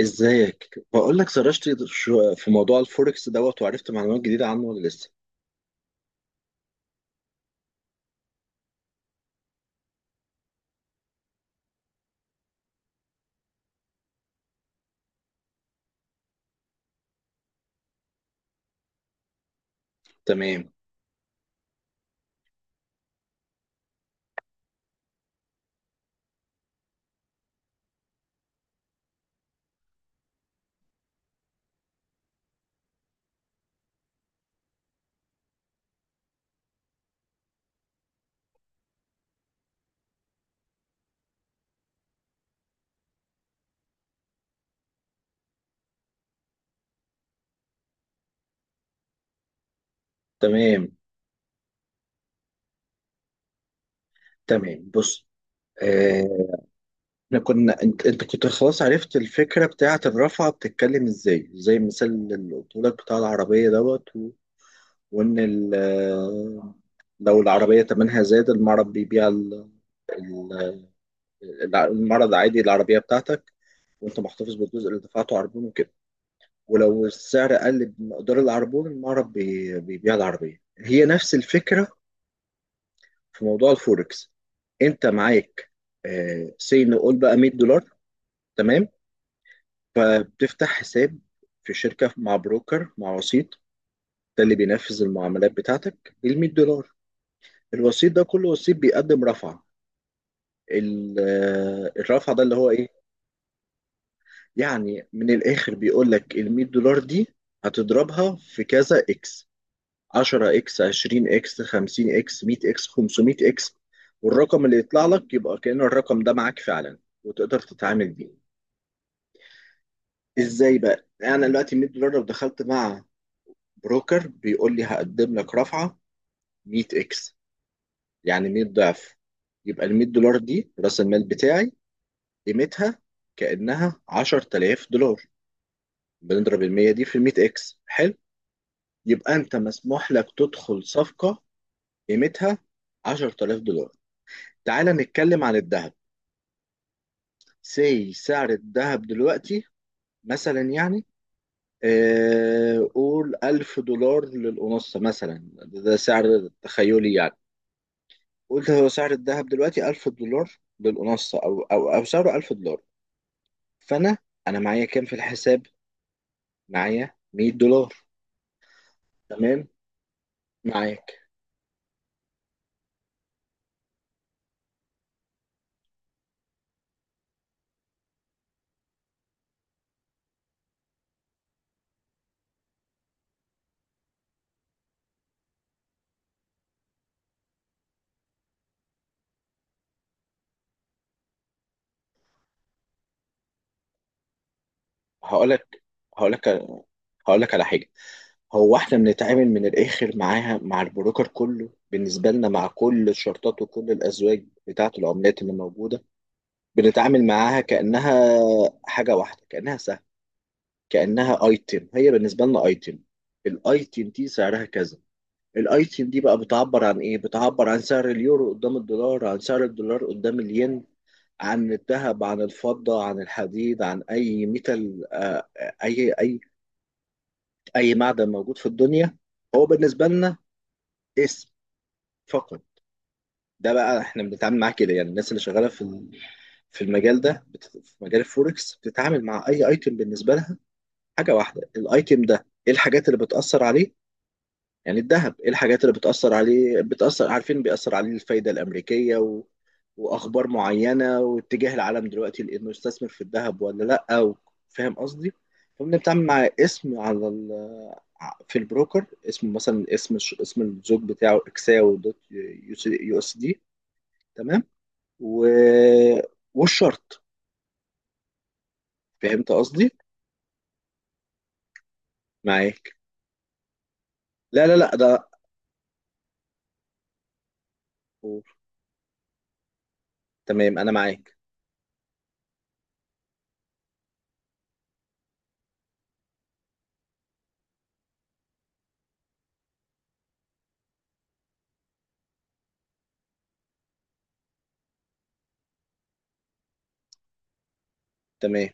ازيك؟ بقول لك سرشت في موضوع الفوركس دوت وعرفت معلومات جديده عنه ولا لسه؟ تمام. تمام. تمام. بص، آه، احنا كنا انت كنت خلاص عرفت الفكره بتاعه الرفعه بتتكلم ازاي، زي المثال اللي قلت لك بتاع العربيه دوت وان ال... آه، لو العربيه تمنها زاد، المعرض بيبيع ال- المعرض عادي العربيه بتاعتك، وانت محتفظ بالجزء اللي دفعته عربون وكده. ولو السعر قل بمقدار العربون، المعرض بيبيع العربية. هي نفس الفكرة في موضوع الفوركس. انت معاك، سي نقول بقى $100. تمام؟ فبتفتح حساب في شركة مع بروكر، مع وسيط، ده اللي بينفذ المعاملات بتاعتك ال $100. الوسيط ده، كل وسيط بيقدم رفعة. الرفعة ده اللي هو ايه؟ يعني من الاخر بيقول لك ال $100 دي هتضربها في كذا اكس: 10 اكس، 20 اكس، 50 اكس، 100 اكس، 500 اكس. والرقم اللي يطلع لك يبقى كأن الرقم ده معاك فعلا، وتقدر تتعامل بيه. ازاي بقى؟ انا دلوقتي $100، لو دخلت مع بروكر بيقول لي هقدم لك رفعة 100 اكس، يعني 100 ضعف، يبقى ال $100 دي راس المال بتاعي قيمتها كأنها $10,000. بنضرب ال 100 دي في ال 100 اكس، حلو؟ يبقى انت مسموح لك تدخل صفقة قيمتها $10,000. تعال نتكلم عن الذهب. سي سعر الذهب دلوقتي مثلا، يعني قول $1,000 للأونصة، مثلا. ده سعر تخيلي يعني. قلت هو سعر الذهب دلوقتي $1,000 للأونصة، أو سعره $1,000. فأنا، أنا معايا كام في الحساب؟ معايا $100. تمام؟ معاك؟ هقولك هقولك هقولك على حاجة. هو احنا بنتعامل من الآخر معاها، مع البروكر، كله بالنسبة لنا، مع كل الشرطات وكل الأزواج بتاعة العملات اللي موجودة، بنتعامل معاها كأنها حاجة واحدة، كأنها سهم، كأنها ايتم. هي بالنسبة لنا ايتم. الايتم دي سعرها كذا. الايتم دي بقى بتعبر عن ايه؟ بتعبر عن سعر اليورو قدام الدولار، عن سعر الدولار قدام الين، عن الذهب، عن الفضة، عن الحديد، عن اي ميتال. اي معدن موجود في الدنيا، هو بالنسبة لنا اسم فقط. ده بقى احنا بنتعامل معاه كده. يعني الناس اللي شغالة في المجال ده، في مجال الفوركس، بتتعامل مع اي ايتم بالنسبة لها حاجة واحدة. الايتم ده ايه الحاجات اللي بتأثر عليه؟ يعني الذهب، ايه الحاجات اللي بتأثر عليه، بتأثر؟ عارفين بيأثر عليه الفايدة الأمريكية وأخبار معينة واتجاه العالم دلوقتي، لأنه يستثمر في الذهب ولا لأ، فاهم قصدي؟ فبنتعامل مع اسم على في البروكر اسمه، مثلا، اسم اسم الزوج بتاعه اكساو دوت يو اس دي. تمام. و... والشرط. فهمت قصدي؟ معاك؟ لا لا لا ده تمام. انا معاك. تمام.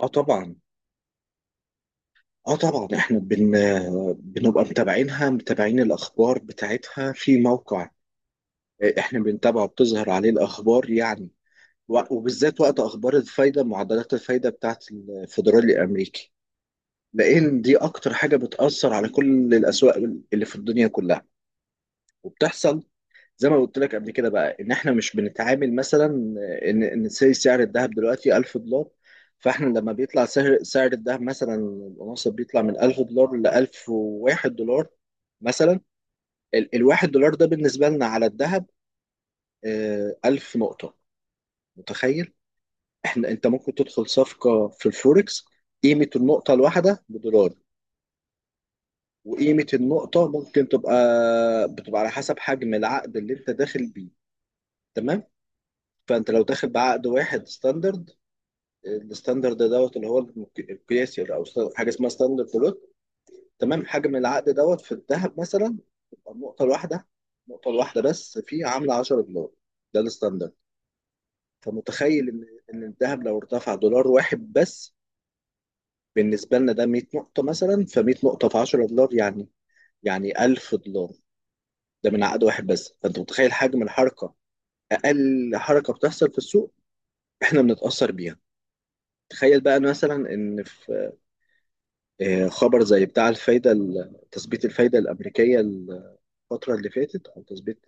اه طبعا، اه طبعا، احنا بنبقى متابعينها، متابعين الاخبار بتاعتها في موقع احنا بنتابعه بتظهر عليه الاخبار، يعني. وبالذات وقت اخبار الفايده، معدلات الفايده بتاعت الفدرالي الامريكي، لان دي اكتر حاجه بتاثر على كل الاسواق اللي في الدنيا كلها. وبتحصل زي ما قلت لك قبل كده بقى، ان احنا مش بنتعامل مثلا سعر الذهب دلوقتي $1,000. فاحنا لما بيطلع سعر الذهب مثلا الأونصة، بيطلع من $1,000 ل $1,001 مثلا. الواحد دولار ده بالنسبة لنا على الذهب 1000 نقطة. متخيل؟ انت ممكن تدخل صفقة في الفوركس قيمة النقطة الواحدة بدولار، وقيمة النقطة ممكن تبقى، بتبقى على حسب حجم العقد اللي انت داخل بيه. تمام؟ فانت لو داخل بعقد واحد ستاندرد، الستاندرد دوت اللي هو القياسي، حاجه اسمها ستاندرد بلوت. تمام؟ حجم العقد دوت في الذهب مثلا تبقى النقطه الواحده بس فيه عامله $10. ده الستاندرد. فمتخيل ان الذهب لو ارتفع دولار واحد بس، بالنسبه لنا ده 100 نقطه مثلا، ف100 نقطه في $10، يعني يعني $1,000، ده من عقد واحد بس. فانت متخيل حجم الحركه؟ اقل حركه بتحصل في السوق، احنا بنتاثر بيها. تخيل بقى مثلا ان في خبر زي بتاع الفايدة، تثبيت الفايدة الأمريكية الفترة اللي فاتت، أو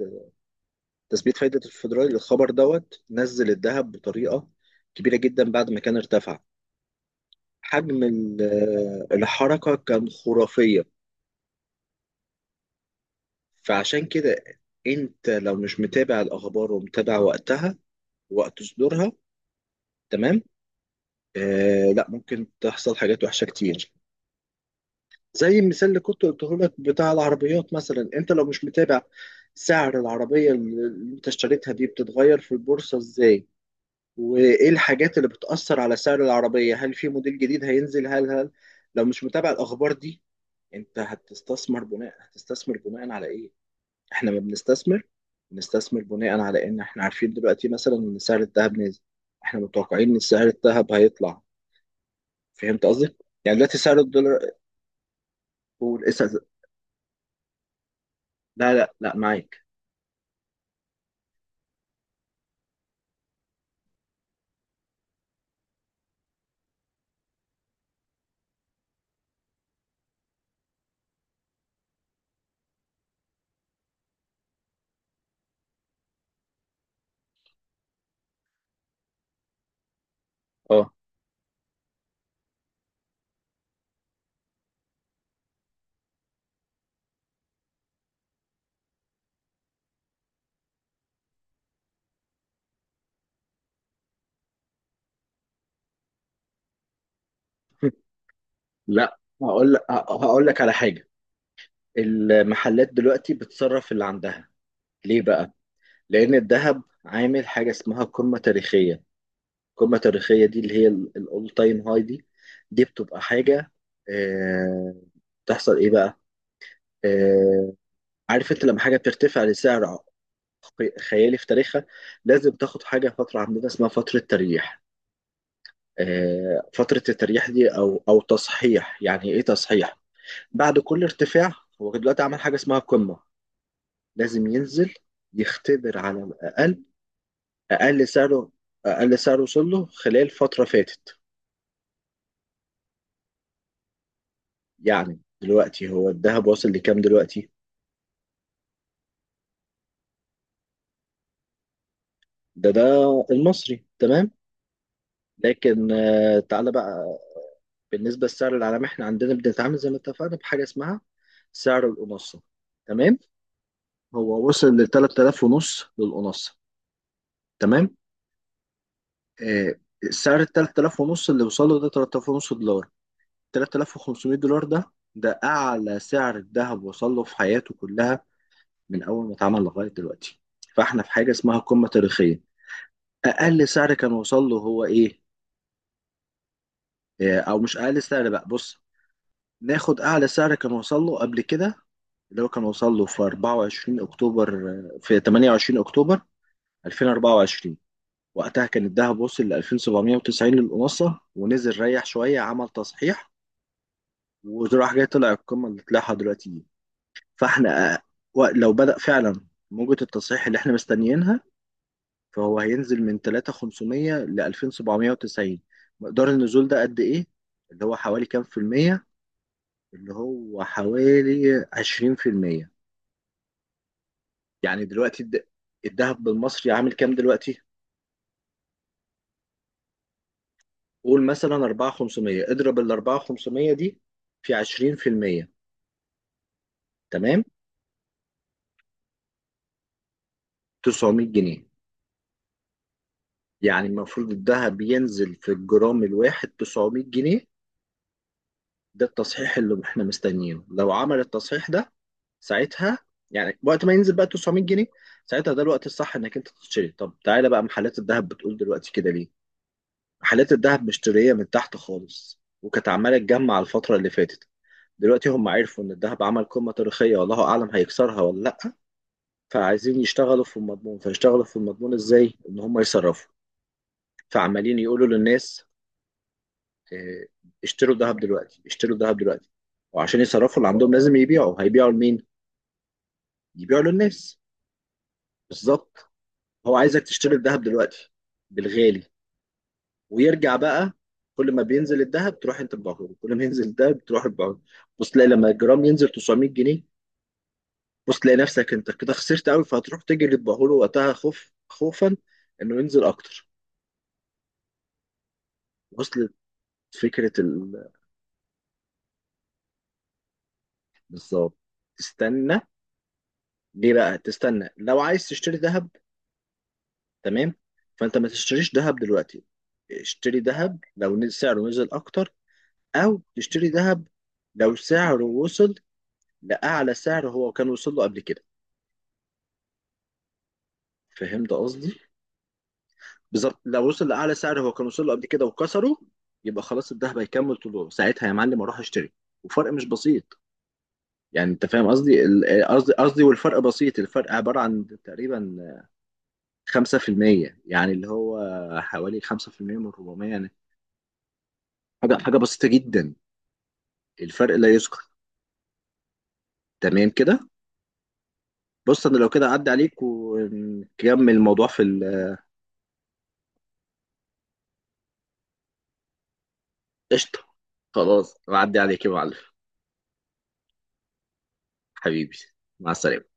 تثبيت فايدة الفيدرالي. الخبر دوت نزل الذهب بطريقة كبيرة جدا بعد ما كان ارتفع. حجم الحركة كان خرافية. فعشان كده، أنت لو مش متابع الأخبار ومتابع وقتها، وقت صدورها، تمام، لا، ممكن تحصل حاجات وحشة كتير. زي المثال اللي كنت قلته لك بتاع العربيات مثلا، انت لو مش متابع سعر العربية اللي انت اشتريتها دي بتتغير في البورصة ازاي، وايه الحاجات اللي بتأثر على سعر العربية، هل في موديل جديد هينزل، هل هل لو مش متابع الأخبار دي، انت هتستثمر بناء على ايه؟ احنا ما بنستثمر، بنستثمر بناء على ان احنا عارفين دلوقتي مثلا ان سعر الذهب نازل، احنا متوقعين ان سعر الذهب هيطلع. فهمت قصدي؟ يعني دلوقتي سعر الدولار والاسعار... لا لا لا معاك. اه. لا، هقول لك على حاجة. المحلات دلوقتي بتصرف اللي عندها. ليه بقى؟ لأن الذهب عامل حاجة اسمها قمة تاريخية. القمة التاريخية دي اللي هي الأول تايم هاي دي، دي بتبقى حاجة. آه، بتحصل إيه بقى؟ آه، عارف أنت لما حاجة بترتفع لسعر خيالي في تاريخها، لازم تاخد حاجة فترة عندنا اسمها فترة تريح. فترة التريح دي، أو تصحيح، يعني إيه تصحيح؟ بعد كل ارتفاع، هو دلوقتي عمل حاجة اسمها قمة، لازم ينزل، يختبر على الأقل أقل سعره أقل سعره وصل له خلال فترة فاتت. يعني دلوقتي هو الذهب واصل لكام دلوقتي؟ ده المصري، تمام، لكن تعالى بقى بالنسبة للسعر العالمي. احنا عندنا بنتعامل زي ما اتفقنا بحاجة اسمها سعر الأونصة. تمام؟ هو وصل ل 3000 ونص للأونصة. تمام. آه، سعر ال 3000 ونص اللي وصل له ده، 3000 ونص دولار، $3500، ده أعلى سعر الذهب وصل له في حياته كلها، من أول ما اتعمل لغاية دلوقتي. فإحنا في حاجة اسمها قمة تاريخية. أقل سعر كان وصل له هو إيه؟ أو مش أقل سعر بقى، بص، ناخد أعلى سعر كان وصل له قبل كده، اللي هو كان وصل له في 24 أكتوبر، في 28 أكتوبر 2024. وقتها كان الذهب وصل ل 2790 للأونصة، ونزل ريح شوية، عمل تصحيح، وراح جاي طلع القمة اللي طلعها دلوقتي دي. فاحنا، لو بدأ فعلا موجة التصحيح اللي احنا مستنيينها، فهو هينزل من 3500 ل 2790. مقدار النزول ده قد ايه؟ اللي هو حوالي كام في المية؟ اللي هو حوالي 20%. يعني دلوقتي الذهب بالمصري عامل كام دلوقتي؟ قول مثلا 4500. اضرب ال 4500 دي في 20%. تمام؟ 900 جنيه. يعني المفروض الذهب ينزل في الجرام الواحد 900 جنيه. ده التصحيح اللي احنا مستنيينه. لو عمل التصحيح ده ساعتها، يعني وقت ما ينزل بقى 900 جنيه، ساعتها ده الوقت الصح انك انت تشتري. طب تعالى بقى، محلات الذهب بتقول دلوقتي كده ليه؟ محلات الذهب مشتريه من تحت خالص، وكانت عماله تجمع الفتره اللي فاتت. دلوقتي هم عرفوا ان الذهب عمل قمه تاريخيه، والله اعلم هيكسرها ولا لا. فعايزين يشتغلوا في المضمون. فيشتغلوا في المضمون ازاي؟ ان هم يصرفوا. فعمالين يقولوا للناس: آه، اشتروا الذهب دلوقتي، اشتروا الذهب دلوقتي. وعشان يصرفوا اللي عندهم لازم يبيعوا. هيبيعوا لمين؟ يبيعه للناس. بالظبط. هو عايزك تشتري الذهب دلوقتي بالغالي. ويرجع بقى، كل ما بينزل الذهب تروح انت تبيعه له، كل ما ينزل الذهب تروح تبيعه له. بص تلاقي لما الجرام ينزل 900 جنيه، بص تلاقي نفسك انت كده خسرت قوي، فهتروح تجري تبيعه له وقتها، خوف، خوفا انه ينزل اكتر. وصلت فكرة ال...؟ بالظبط. تستنى. ليه بقى تستنى؟ لو عايز تشتري ذهب، تمام، فانت ما تشتريش ذهب دلوقتي. اشتري ذهب لو سعره نزل اكتر، او تشتري ذهب لو سعره وصل لاعلى سعر هو كان وصل له قبل كده. فهمت قصدي؟ بالظبط. لو وصل لاعلى سعر هو كان وصل له قبل كده وكسره، يبقى خلاص الذهب هيكمل طوله. ساعتها يا معلم اروح اشتري. وفرق مش بسيط، يعني انت فاهم قصدي والفرق بسيط. الفرق عباره عن تقريبا 5%، يعني اللي هو حوالي 5% من 400، يعني حاجه، حاجه بسيطه جدا، الفرق لا يذكر. تمام كده؟ بص، انا لو كده عدى عليك ونكمل الموضوع في... قشطة. خلاص بعدي عليك يا معلم. حبيبي، مع السلامة.